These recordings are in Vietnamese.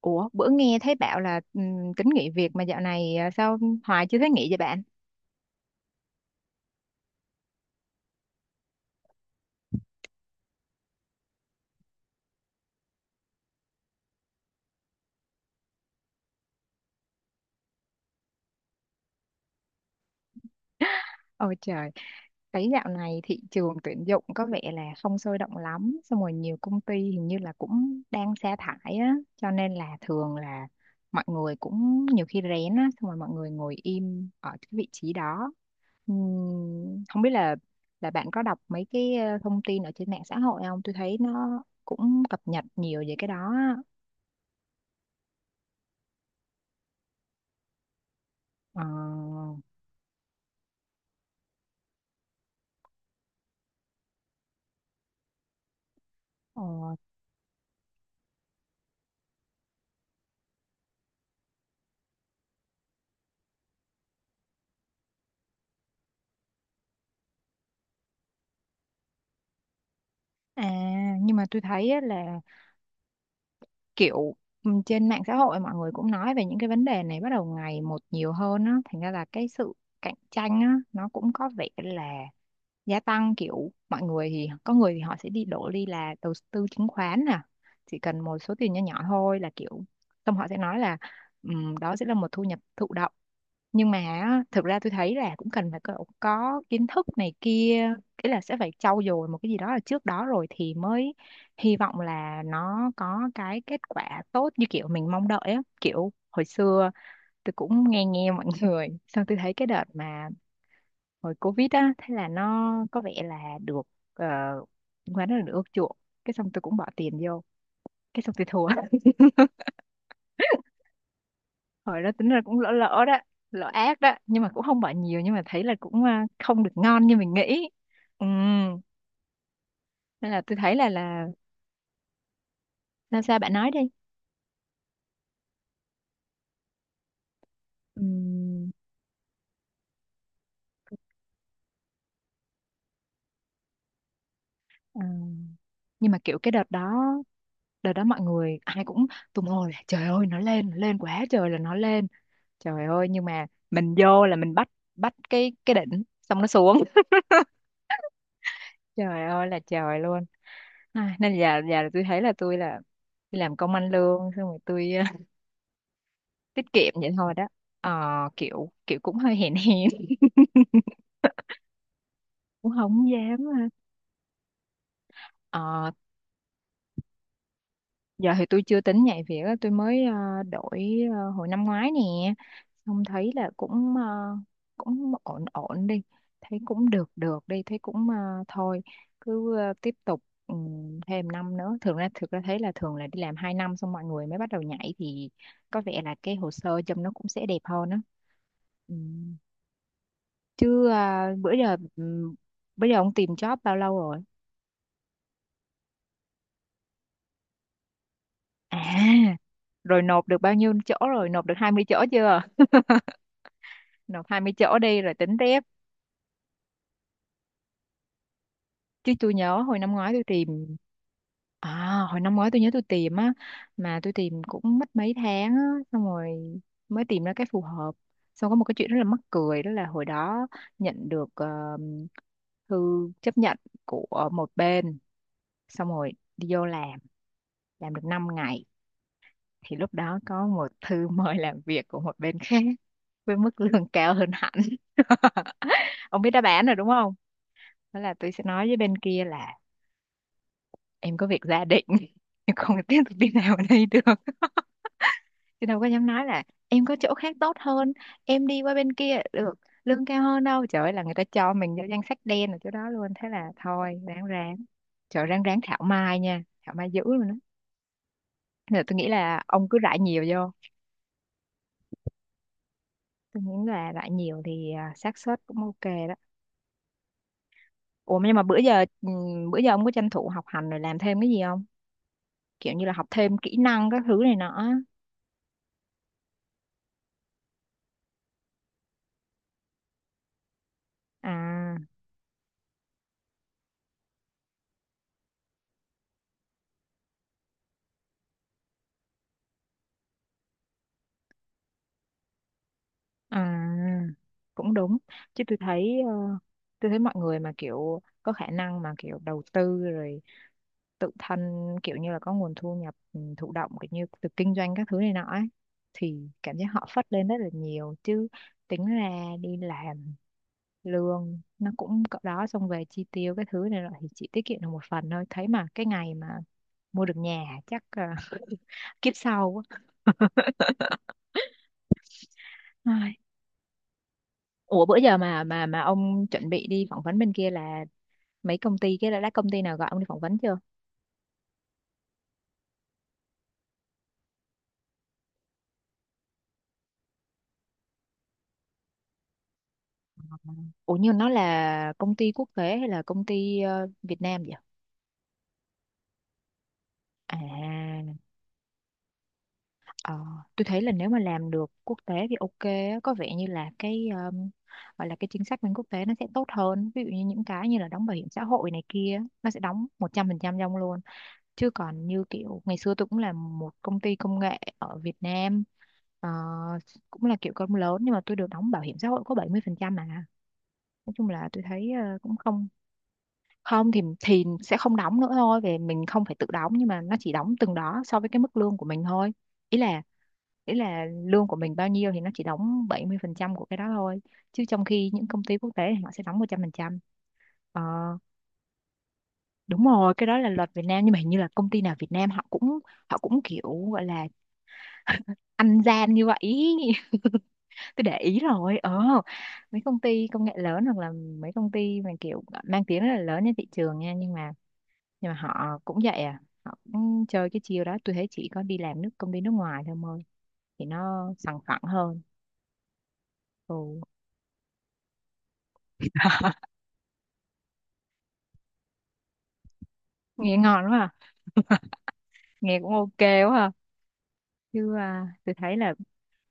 Ủa, bữa nghe thấy bảo là tính nghỉ việc mà dạo này, à, sao Hoài chưa thấy nghỉ vậy bạn? Ôi trời, thấy dạo này thị trường tuyển dụng có vẻ là không sôi động lắm, xong rồi nhiều công ty hình như là cũng đang sa thải á, cho nên là thường là mọi người cũng nhiều khi rén á, xong rồi mọi người ngồi im ở cái vị trí đó. Ừm, không biết là bạn có đọc mấy cái thông tin ở trên mạng xã hội không? Tôi thấy nó cũng cập nhật nhiều về cái đó á. Ờ, ờ, À, nhưng mà tôi thấy á là kiểu, ừ, trên mạng xã hội mọi người cũng nói về những cái vấn đề này bắt đầu ngày một nhiều hơn á, thành ra là cái sự cạnh tranh á nó cũng có vẻ là gia tăng, kiểu mọi người thì có người thì họ sẽ đi đổ đi là đầu tư chứng khoán nè, chỉ cần một số tiền nhỏ nhỏ thôi là kiểu xong họ sẽ nói là, đó sẽ là một thu nhập thụ động. Nhưng mà á, thực ra tôi thấy là cũng cần phải có kiến thức này kia, ý là sẽ phải trau dồi một cái gì đó là trước đó rồi thì mới hy vọng là nó có cái kết quả tốt như kiểu mình mong đợi á. Kiểu hồi xưa tôi cũng nghe nghe mọi người xong tôi thấy cái đợt mà hồi Covid á thế là nó có vẻ là được, chứng khoán nó được ưa chuộng, cái xong tôi cũng bỏ tiền vô, cái xong tôi thua. Hồi đó tính ra cũng lỡ lỡ đó, lỡ ác đó, nhưng mà cũng không bệnh nhiều, nhưng mà thấy là cũng, à, không được ngon như mình nghĩ. Ừ, nên là tôi thấy là sao, sao bạn nói đi. Ừm, à, nhưng mà kiểu cái đợt đó, đợt đó mọi người ai cũng tung hô là trời ơi nó lên, nó lên quá trời là nó lên, trời ơi, nhưng mà mình vô là mình bắt bắt cái đỉnh xong nó xuống. Trời ơi là trời luôn. Ai, nên giờ, là tôi thấy là tôi là đi làm công ăn lương xong rồi tôi tiết kiệm vậy thôi đó. Ờ, kiểu kiểu cũng hơi hèn hèn. Cũng không dám. ờ, Giờ thì tôi chưa tính nhảy việc á, tôi mới đổi, hồi năm ngoái nè, xong thấy là cũng, cũng ổn ổn đi, thấy cũng được được đi, thấy cũng, thôi cứ, tiếp tục, ừ, thêm năm nữa. Thường ra, thực ra thấy là thường là đi làm 2 năm xong mọi người mới bắt đầu nhảy thì có vẻ là cái hồ sơ trong nó cũng sẽ đẹp hơn á. Ừ. Chứ, à, bữa giờ, ông tìm job bao lâu rồi? À, rồi nộp được bao nhiêu chỗ rồi, nộp được 20 chỗ chưa? Nộp 20 chỗ đi rồi tính tiếp. Chứ tôi nhớ hồi năm ngoái tôi tìm, à, hồi năm ngoái tôi nhớ tôi tìm á, mà tôi tìm cũng mất mấy tháng á, xong rồi mới tìm ra cái phù hợp. Xong có một cái chuyện rất là mắc cười đó là hồi đó nhận được, thư chấp nhận của một bên, xong rồi đi vô làm được 5 ngày thì lúc đó có một thư mời làm việc của một bên khác với mức lương cao hơn hẳn. Ông biết đáp án rồi đúng không? Đó là tôi sẽ nói với bên kia là em có việc gia đình, em không tiếp tục đi nào ở đây được, chứ đâu có dám nói là em có chỗ khác tốt hơn, em đi qua bên kia được lương cao hơn đâu. Trời ơi là người ta cho mình vô danh sách đen ở chỗ đó luôn, thế là thôi ráng ráng trời, ráng ráng thảo mai nha, thảo mai dữ luôn đó. Nên là tôi nghĩ là ông cứ rải nhiều vô, tôi nghĩ là rải nhiều thì, à, xác suất cũng ok đó. Ủa nhưng mà bữa giờ, ông có tranh thủ học hành rồi làm thêm cái gì không? Kiểu như là học thêm kỹ năng các thứ này nọ á. À, à, cũng đúng. Chứ tôi thấy, mọi người mà kiểu có khả năng mà kiểu đầu tư rồi tự thân, kiểu như là có nguồn thu nhập, thụ động kiểu như từ kinh doanh các thứ này nọ ấy, thì cảm giác họ phất lên rất là nhiều. Chứ tính ra đi làm lương nó cũng cỡ đó, xong về chi tiêu cái thứ này rồi thì chỉ tiết kiệm được một phần thôi, thấy mà cái ngày mà mua được nhà hả? Chắc, kiếp sau quá. Ai. Ủa bữa giờ mà mà ông chuẩn bị đi phỏng vấn bên kia là mấy công ty, cái là đã công ty nào gọi ông đi phỏng vấn chưa? Ủa nhưng nó là công ty quốc tế hay là công ty, Việt Nam vậy? À, ờ, tôi thấy là nếu mà làm được quốc tế thì ok á, có vẻ như là cái, gọi là cái chính sách bên quốc tế nó sẽ tốt hơn, ví dụ như những cái như là đóng bảo hiểm xã hội này kia nó sẽ đóng 100% cho ông luôn. Chứ còn như kiểu ngày xưa tôi cũng là một công ty công nghệ ở Việt Nam, ờ, cũng là kiểu công lớn, nhưng mà tôi được đóng bảo hiểm xã hội có 70% mà. Nói chung là tôi thấy, cũng không, không thì sẽ không đóng nữa thôi, về mình không phải tự đóng, nhưng mà nó chỉ đóng từng đó so với cái mức lương của mình thôi, ý là lương của mình bao nhiêu thì nó chỉ đóng 70% của cái đó thôi, chứ trong khi những công ty quốc tế thì họ sẽ đóng 100%. Ờ, đúng rồi, cái đó là luật Việt Nam, nhưng mà hình như là công ty nào Việt Nam họ cũng, kiểu gọi là ăn gian như vậy ý. Tôi để ý rồi, ờ, mấy công ty công nghệ lớn hoặc là mấy công ty mà kiểu mang tiếng rất là lớn trên thị trường nha, nhưng mà, họ cũng vậy, à họ cũng chơi cái chiêu đó. Tôi thấy chỉ có đi làm nước công ty nước ngoài thôi mời thì nó sòng phẳng hơn. Ừ. Nghe ngon quá à. Nghe cũng ok quá à. Chứ à, tôi thấy là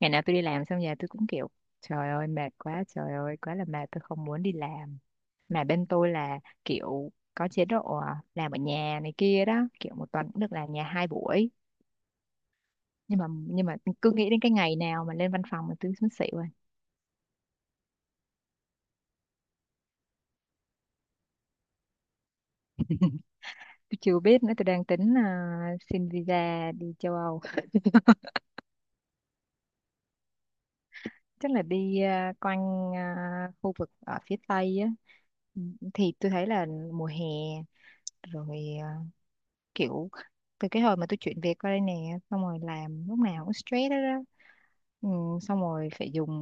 ngày nào tôi đi làm xong về tôi cũng kiểu trời ơi mệt quá, trời ơi quá là mệt, tôi không muốn đi làm. Mà bên tôi là kiểu có chế độ, à, làm ở nhà này kia đó, kiểu một tuần cũng được làm nhà 2 buổi, nhưng mà, cứ nghĩ đến cái ngày nào mà lên văn phòng mà tôi muốn xỉu rồi. Tôi chưa biết nữa, tôi đang tính, à, xin visa đi châu Âu, chắc là đi, à, quanh, à, khu vực ở phía Tây á. Ừ, thì tôi thấy là mùa hè rồi, à, kiểu từ cái hồi mà tôi chuyển việc qua đây nè, xong rồi làm lúc nào cũng stress đó, đó. Ừ, xong rồi phải dùng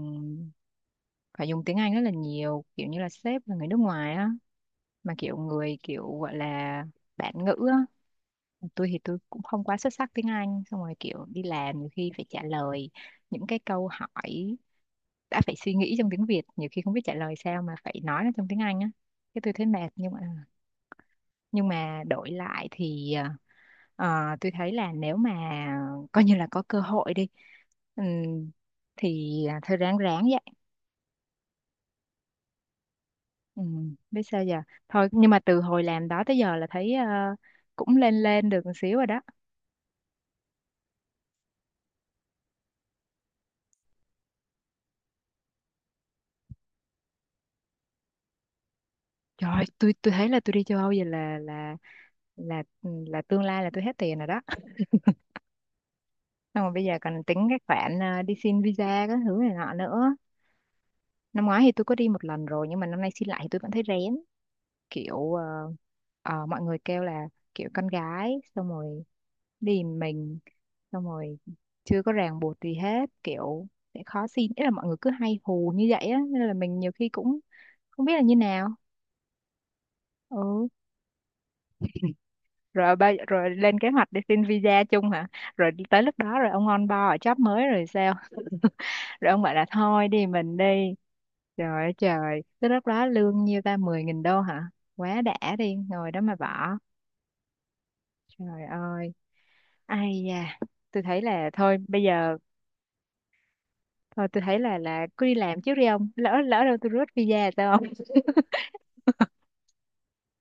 phải dùng tiếng Anh rất là nhiều, kiểu như là sếp là người nước ngoài á, mà kiểu người kiểu gọi là bản ngữ á. Tôi thì tôi cũng không quá xuất sắc tiếng Anh, xong rồi kiểu đi làm nhiều khi phải trả lời những cái câu hỏi đã phải suy nghĩ trong tiếng Việt, nhiều khi không biết trả lời sao mà phải nói nó trong tiếng Anh á. Cái tôi thấy mệt, nhưng mà đổi lại thì ờ, tôi thấy là nếu mà coi như là có cơ hội đi, ừm, thì thôi ráng ráng vậy. Ừ, biết sao giờ. Thôi nhưng mà từ hồi làm đó tới giờ là thấy cũng lên lên được một xíu rồi đó. Trời ơi, tôi thấy là tôi đi châu Âu vậy là tương lai là tôi hết tiền rồi đó. Xong rồi bây giờ còn tính cái khoản đi xin visa các thứ này nọ nữa. Năm ngoái thì tôi có đi một lần rồi, nhưng mà năm nay xin lại thì tôi vẫn thấy rén. Kiểu mọi người kêu là kiểu con gái, xong rồi đi mình, xong rồi chưa có ràng buộc gì hết, kiểu sẽ khó xin. Ý là mọi người cứ hay hù như vậy á, nên là mình nhiều khi cũng không biết là như nào. Ừ, rồi ba rồi lên kế hoạch để xin visa chung hả? Rồi tới lúc đó rồi ông on board ở job mới rồi sao? Rồi ông bảo là thôi đi mình đi. Trời ơi trời, tới lúc đó lương nhiêu ta, 10.000 đô hả? Quá đã, đi ngồi đó mà bỏ. Trời ơi. Ai da. Tôi thấy là thôi bây giờ. Thôi tôi thấy là cứ đi làm trước đi ông. Lỡ lỡ đâu tôi rớt visa là sao không?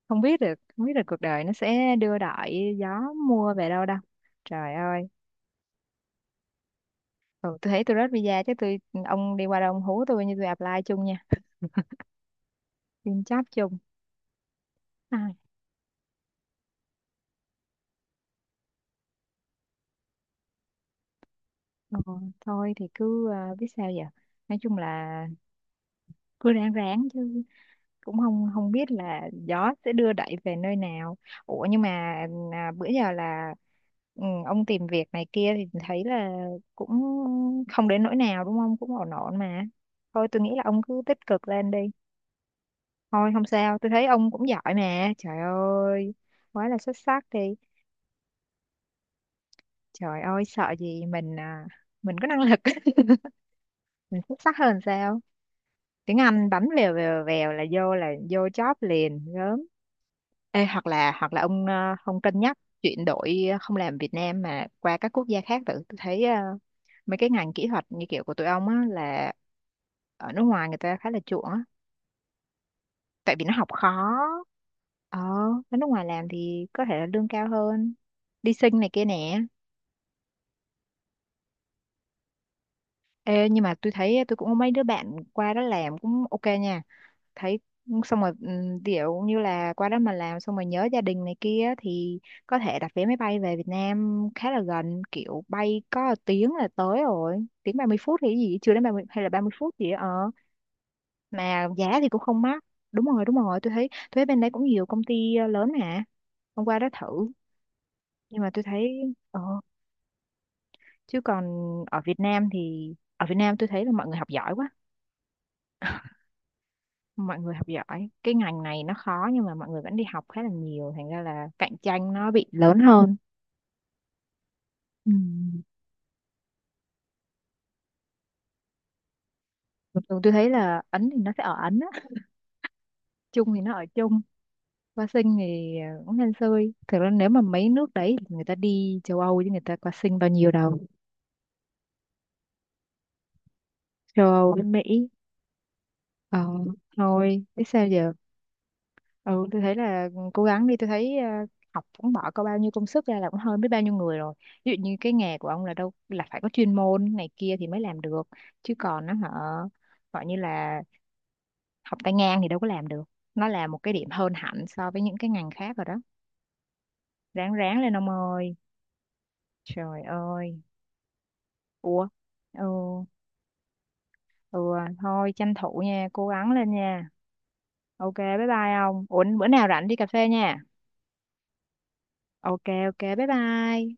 Không biết được, không biết được cuộc đời nó sẽ đưa đợi gió mua về đâu đâu. Trời ơi. Ừ, tôi thấy tôi rớt visa chứ tôi, ông đi qua đâu ông hú tôi, như tôi apply chung nha. Xin job chung. Ai, ờ, thôi thì cứ biết sao giờ. Nói chung là cứ ráng ráng chứ, cũng không không biết là gió sẽ đưa đẩy về nơi nào. Ủa nhưng mà bữa giờ là, ừ, ông tìm việc này kia thì thấy là cũng không đến nỗi nào đúng không, cũng ổn ổn mà. Thôi tôi nghĩ là ông cứ tích cực lên đi. Thôi không sao, tôi thấy ông cũng giỏi mà, trời ơi, quá là xuất sắc đi. Trời ơi sợ gì, mình à, mình có năng lực. Mình xuất sắc hơn sao, tiếng Anh bấm vèo vèo vèo là vô job liền gớm. Ê, hoặc là ông không cân nhắc chuyển đổi, không làm Việt Nam mà qua các quốc gia khác. Tự tôi thấy mấy cái ngành kỹ thuật như kiểu của tụi ông á là ở nước ngoài người ta khá là chuộng á, tại vì nó học khó. Ờ, ở nước ngoài làm thì có thể là lương cao hơn, đi sinh này kia nè. Ê, nhưng mà tôi thấy tôi cũng có mấy đứa bạn qua đó làm cũng ok nha. Thấy xong rồi ví dụ như là qua đó mà làm xong rồi nhớ gia đình này kia thì có thể đặt vé máy bay về Việt Nam khá là gần, kiểu bay có 1 tiếng là tới rồi, tiếng 30 phút thì cái gì, chưa đến 30 hay là 30 phút gì đó. Ờ mà giá thì cũng không mắc. Đúng rồi, đúng rồi, tôi thấy bên đấy cũng nhiều công ty lớn mà, hôm qua đó thử. Nhưng mà tôi thấy chứ còn ở Việt Nam thì ở Việt Nam tôi thấy là mọi người học giỏi quá. Mọi người học giỏi, cái ngành này nó khó, nhưng mà mọi người vẫn đi học khá là nhiều, thành ra là cạnh tranh nó bị lớn hơn. Ừ. Thường thường tôi thấy là Ấn thì nó sẽ ở Ấn á, Trung thì nó ở Trung. Qua sinh thì cũng hên xui, thực ra nếu mà mấy nước đấy thì người ta đi châu Âu chứ người ta qua sinh bao nhiêu đâu. Châu Âu với Mỹ. Ờ. Thôi biết sao giờ. Ừ, tôi thấy là, ừ, cố gắng đi, tôi thấy học cũng bỏ có bao nhiêu công sức ra là cũng hơn biết bao nhiêu người rồi. Ví dụ như cái nghề của ông là đâu là phải có chuyên môn này kia thì mới làm được, chứ còn nó họ gọi như là học tay ngang thì đâu có làm được. Nó là một cái điểm hơn hẳn so với những cái ngành khác rồi đó. Ráng ráng lên ông ơi. Trời ơi. Ủa. Ừ, ừ thôi tranh thủ nha, cố gắng lên nha. Ok, bye bye ông. Ủa bữa nào rảnh đi cà phê nha. Ok ok, bye bye.